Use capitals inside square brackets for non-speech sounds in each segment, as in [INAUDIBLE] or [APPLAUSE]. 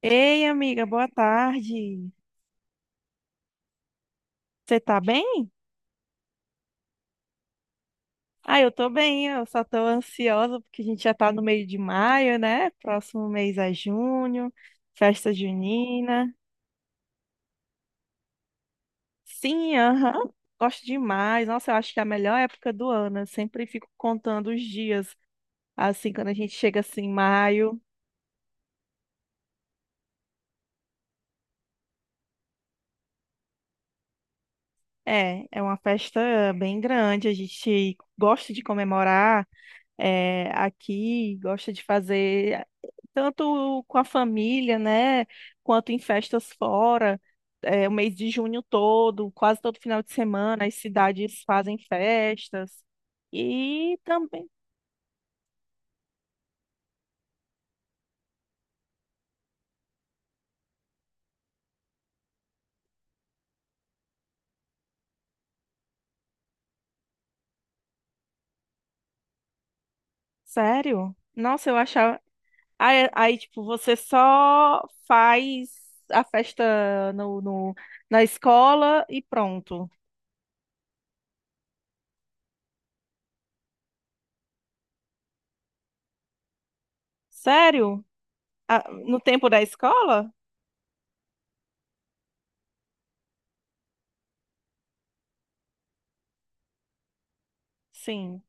Ei, amiga, boa tarde. Você tá bem? Ah, eu tô bem, eu só tô ansiosa porque a gente já tá no meio de maio, né? Próximo mês é junho, festa junina. Sim, aham, gosto demais. Nossa, eu acho que é a melhor época do ano. Eu sempre fico contando os dias, assim, quando a gente chega assim, maio. É, é uma festa bem grande, a gente gosta de comemorar aqui, gosta de fazer, tanto com a família, né, quanto em festas fora, é, o mês de junho todo, quase todo final de semana, as cidades fazem festas. E também, sério, nossa, eu achava. Aí, aí, tipo, você só faz a festa na escola e pronto. Sério? Ah, no tempo da escola? Sim.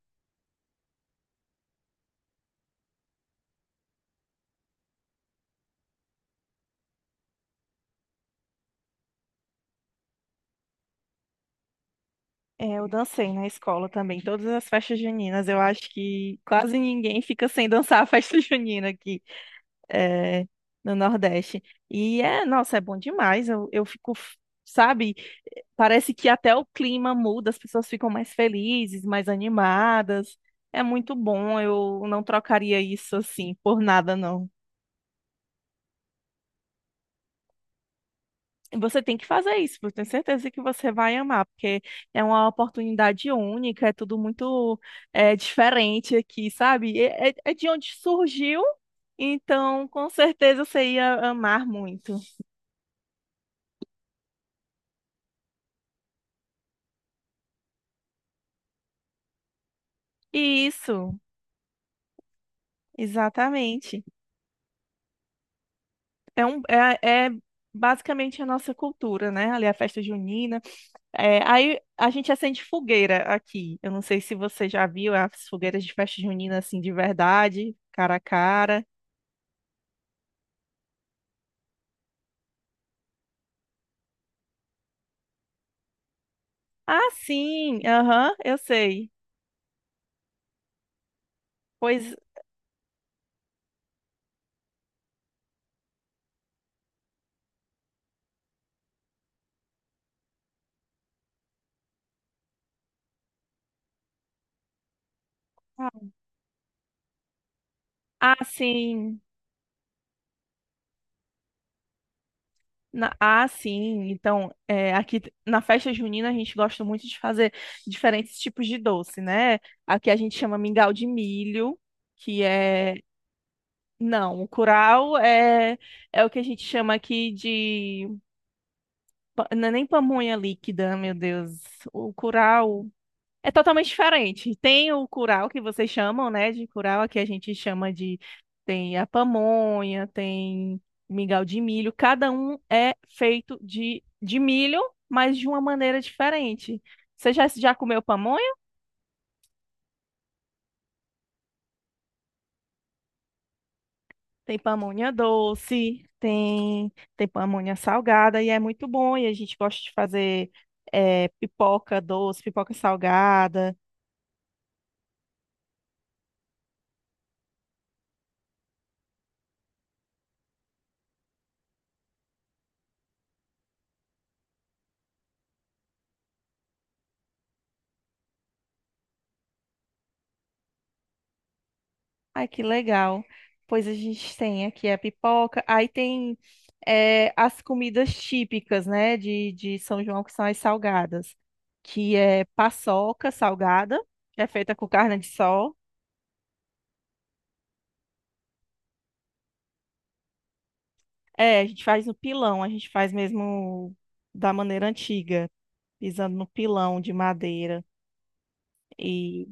É, eu dancei na escola também, todas as festas juninas. Eu acho que quase ninguém fica sem [LAUGHS] dançar a festa [LAUGHS] junina aqui, é, no Nordeste. E é, nossa, é bom demais. Eu fico, sabe, parece que até o clima muda, as pessoas ficam mais felizes, mais animadas. É muito bom, eu não trocaria isso assim por nada, não. Você tem que fazer isso, eu tenho certeza que você vai amar, porque é uma oportunidade única, é tudo muito diferente aqui, sabe? É de onde surgiu, então com certeza você ia amar muito. Isso, exatamente. É, um, é, é basicamente a nossa cultura, né? Ali a festa junina. É, aí a gente acende fogueira aqui. Eu não sei se você já viu as fogueiras de festa junina assim de verdade, cara a cara. Ah, sim, aham, eu sei. Pois, ah, ah, sim. Ah, sim. Então, é, aqui na festa junina a gente gosta muito de fazer diferentes tipos de doce, né? Aqui a gente chama mingau de milho, que é. Não, o curau é, é o que a gente chama aqui de. Não é nem pamonha líquida, meu Deus. O curau. É totalmente diferente. Tem o curau que vocês chamam, né? De curau, aqui a gente chama de. Tem a pamonha, tem mingau de milho. Cada um é feito de milho, mas de uma maneira diferente. Você já comeu pamonha? Tem pamonha doce, tem, tem pamonha salgada, e é muito bom. E a gente gosta de fazer pipoca doce, pipoca salgada. Ai, que legal. Pois a gente tem aqui a pipoca, aí tem as comidas típicas, né, de São João, que são as salgadas, que é paçoca salgada, que é feita com carne de sol. É, a gente faz no pilão, a gente faz mesmo da maneira antiga, pisando no pilão de madeira. E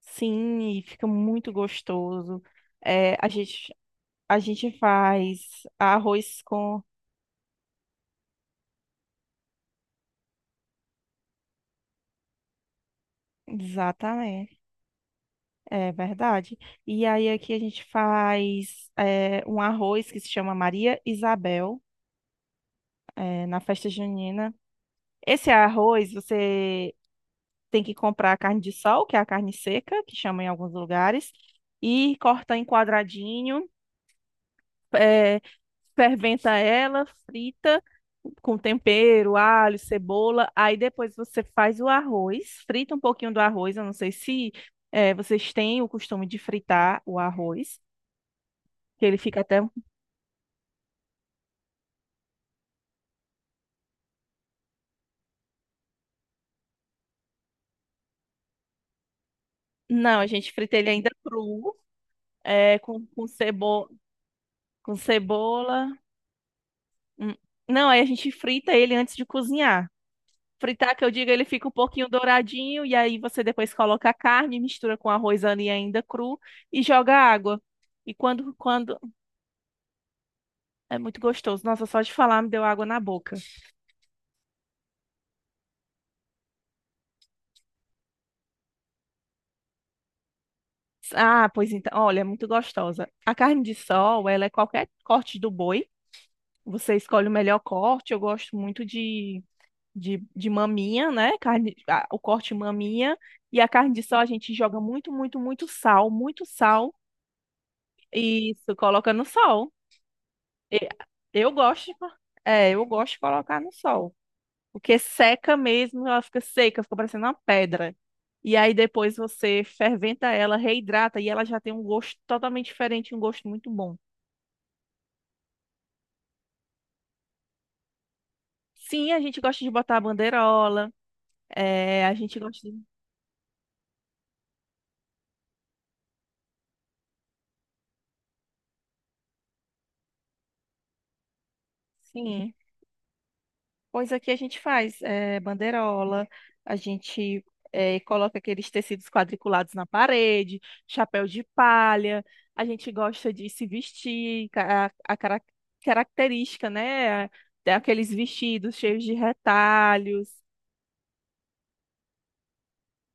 sim, e fica muito gostoso. É, a gente faz arroz com... Exatamente. É verdade. E aí aqui a gente faz é, um arroz que se chama Maria Isabel, é, na festa junina. Esse arroz você tem que comprar a carne de sol, que é a carne seca, que chama em alguns lugares, e corta em quadradinho, é, ferventa ela, frita com tempero, alho, cebola. Aí depois você faz o arroz, frita um pouquinho do arroz. Eu não sei se vocês têm o costume de fritar o arroz, que ele fica até... Não, a gente frita ele ainda cru, é, com cebo... com cebola. Hum. Não, aí a gente frita ele antes de cozinhar. Fritar, que eu digo, ele fica um pouquinho douradinho, e aí você depois coloca a carne, mistura com arroz ali ainda cru e joga água. E quando... É muito gostoso. Nossa, só de falar me deu água na boca. Ah, pois então, olha, é muito gostosa. A carne de sol, ela é qualquer corte do boi. Você escolhe o melhor corte. Eu gosto muito de maminha, né? Carne, o corte maminha. E a carne de sol a gente joga muito, muito, muito sal, muito sal. E isso, coloca no sol. E- eu gosto, é, eu gosto de colocar no sol. Porque seca mesmo, ela fica seca, fica parecendo uma pedra. E aí depois você ferventa ela, reidrata e ela já tem um gosto totalmente diferente, um gosto muito bom. Sim, a gente gosta de botar a bandeirola, é, a gente gosta de... Sim. Pois aqui a gente faz banderola, a gente coloca aqueles tecidos quadriculados na parede, chapéu de palha, a gente gosta de se vestir, característica, né? Tem aqueles vestidos cheios de retalhos,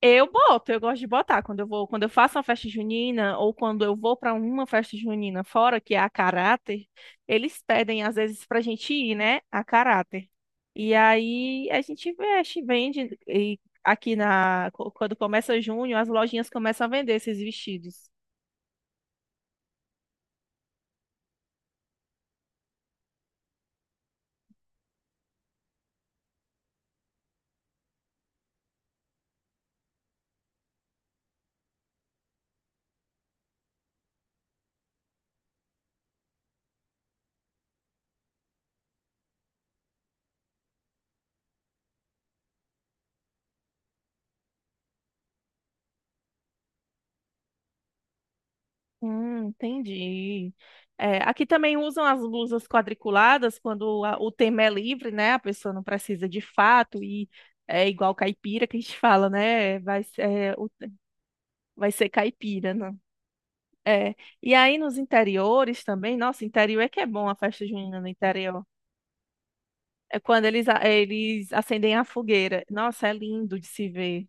eu boto, eu gosto de botar quando eu vou, quando eu faço uma festa junina ou quando eu vou para uma festa junina fora, que é a caráter, eles pedem às vezes pra gente ir, né, a caráter. E aí a gente veste, vende e aqui quando começa junho, as lojinhas começam a vender esses vestidos. Entendi. É, aqui também usam as blusas quadriculadas quando o tema é livre, né? A pessoa não precisa de fato e é igual caipira que a gente [LAUGHS] fala, né? Vai ser caipira, né? É. E aí nos interiores também, nossa, interior é que é bom a festa junina no interior. É quando eles, eles acendem a fogueira. Nossa, é lindo de se ver.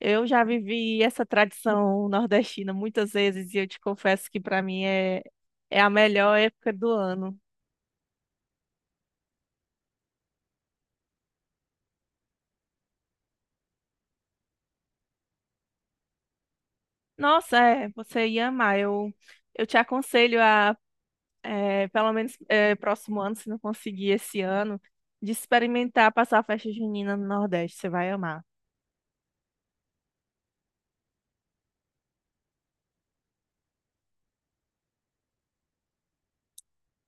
Eu já vivi essa tradição nordestina muitas vezes e eu te confesso que para mim é, é a melhor época do ano. Nossa, é, você ia amar. Eu te aconselho a, é, pelo menos é, próximo ano, se não conseguir esse ano, de experimentar passar a festa junina no Nordeste. Você vai amar.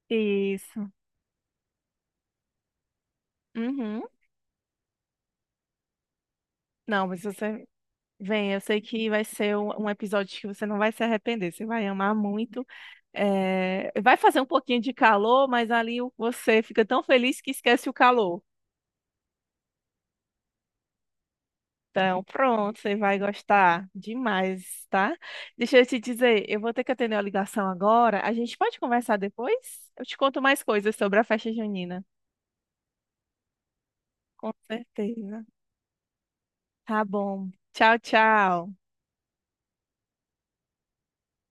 Isso. Uhum. Não, mas você vem, eu sei que vai ser um episódio que você não vai se arrepender, você vai amar muito. É, vai fazer um pouquinho de calor, mas ali você fica tão feliz que esquece o calor. Então, pronto, você vai gostar demais, tá? Deixa eu te dizer, eu vou ter que atender a ligação agora. A gente pode conversar depois? Eu te conto mais coisas sobre a festa junina. Com certeza. Tá bom. Tchau, tchau.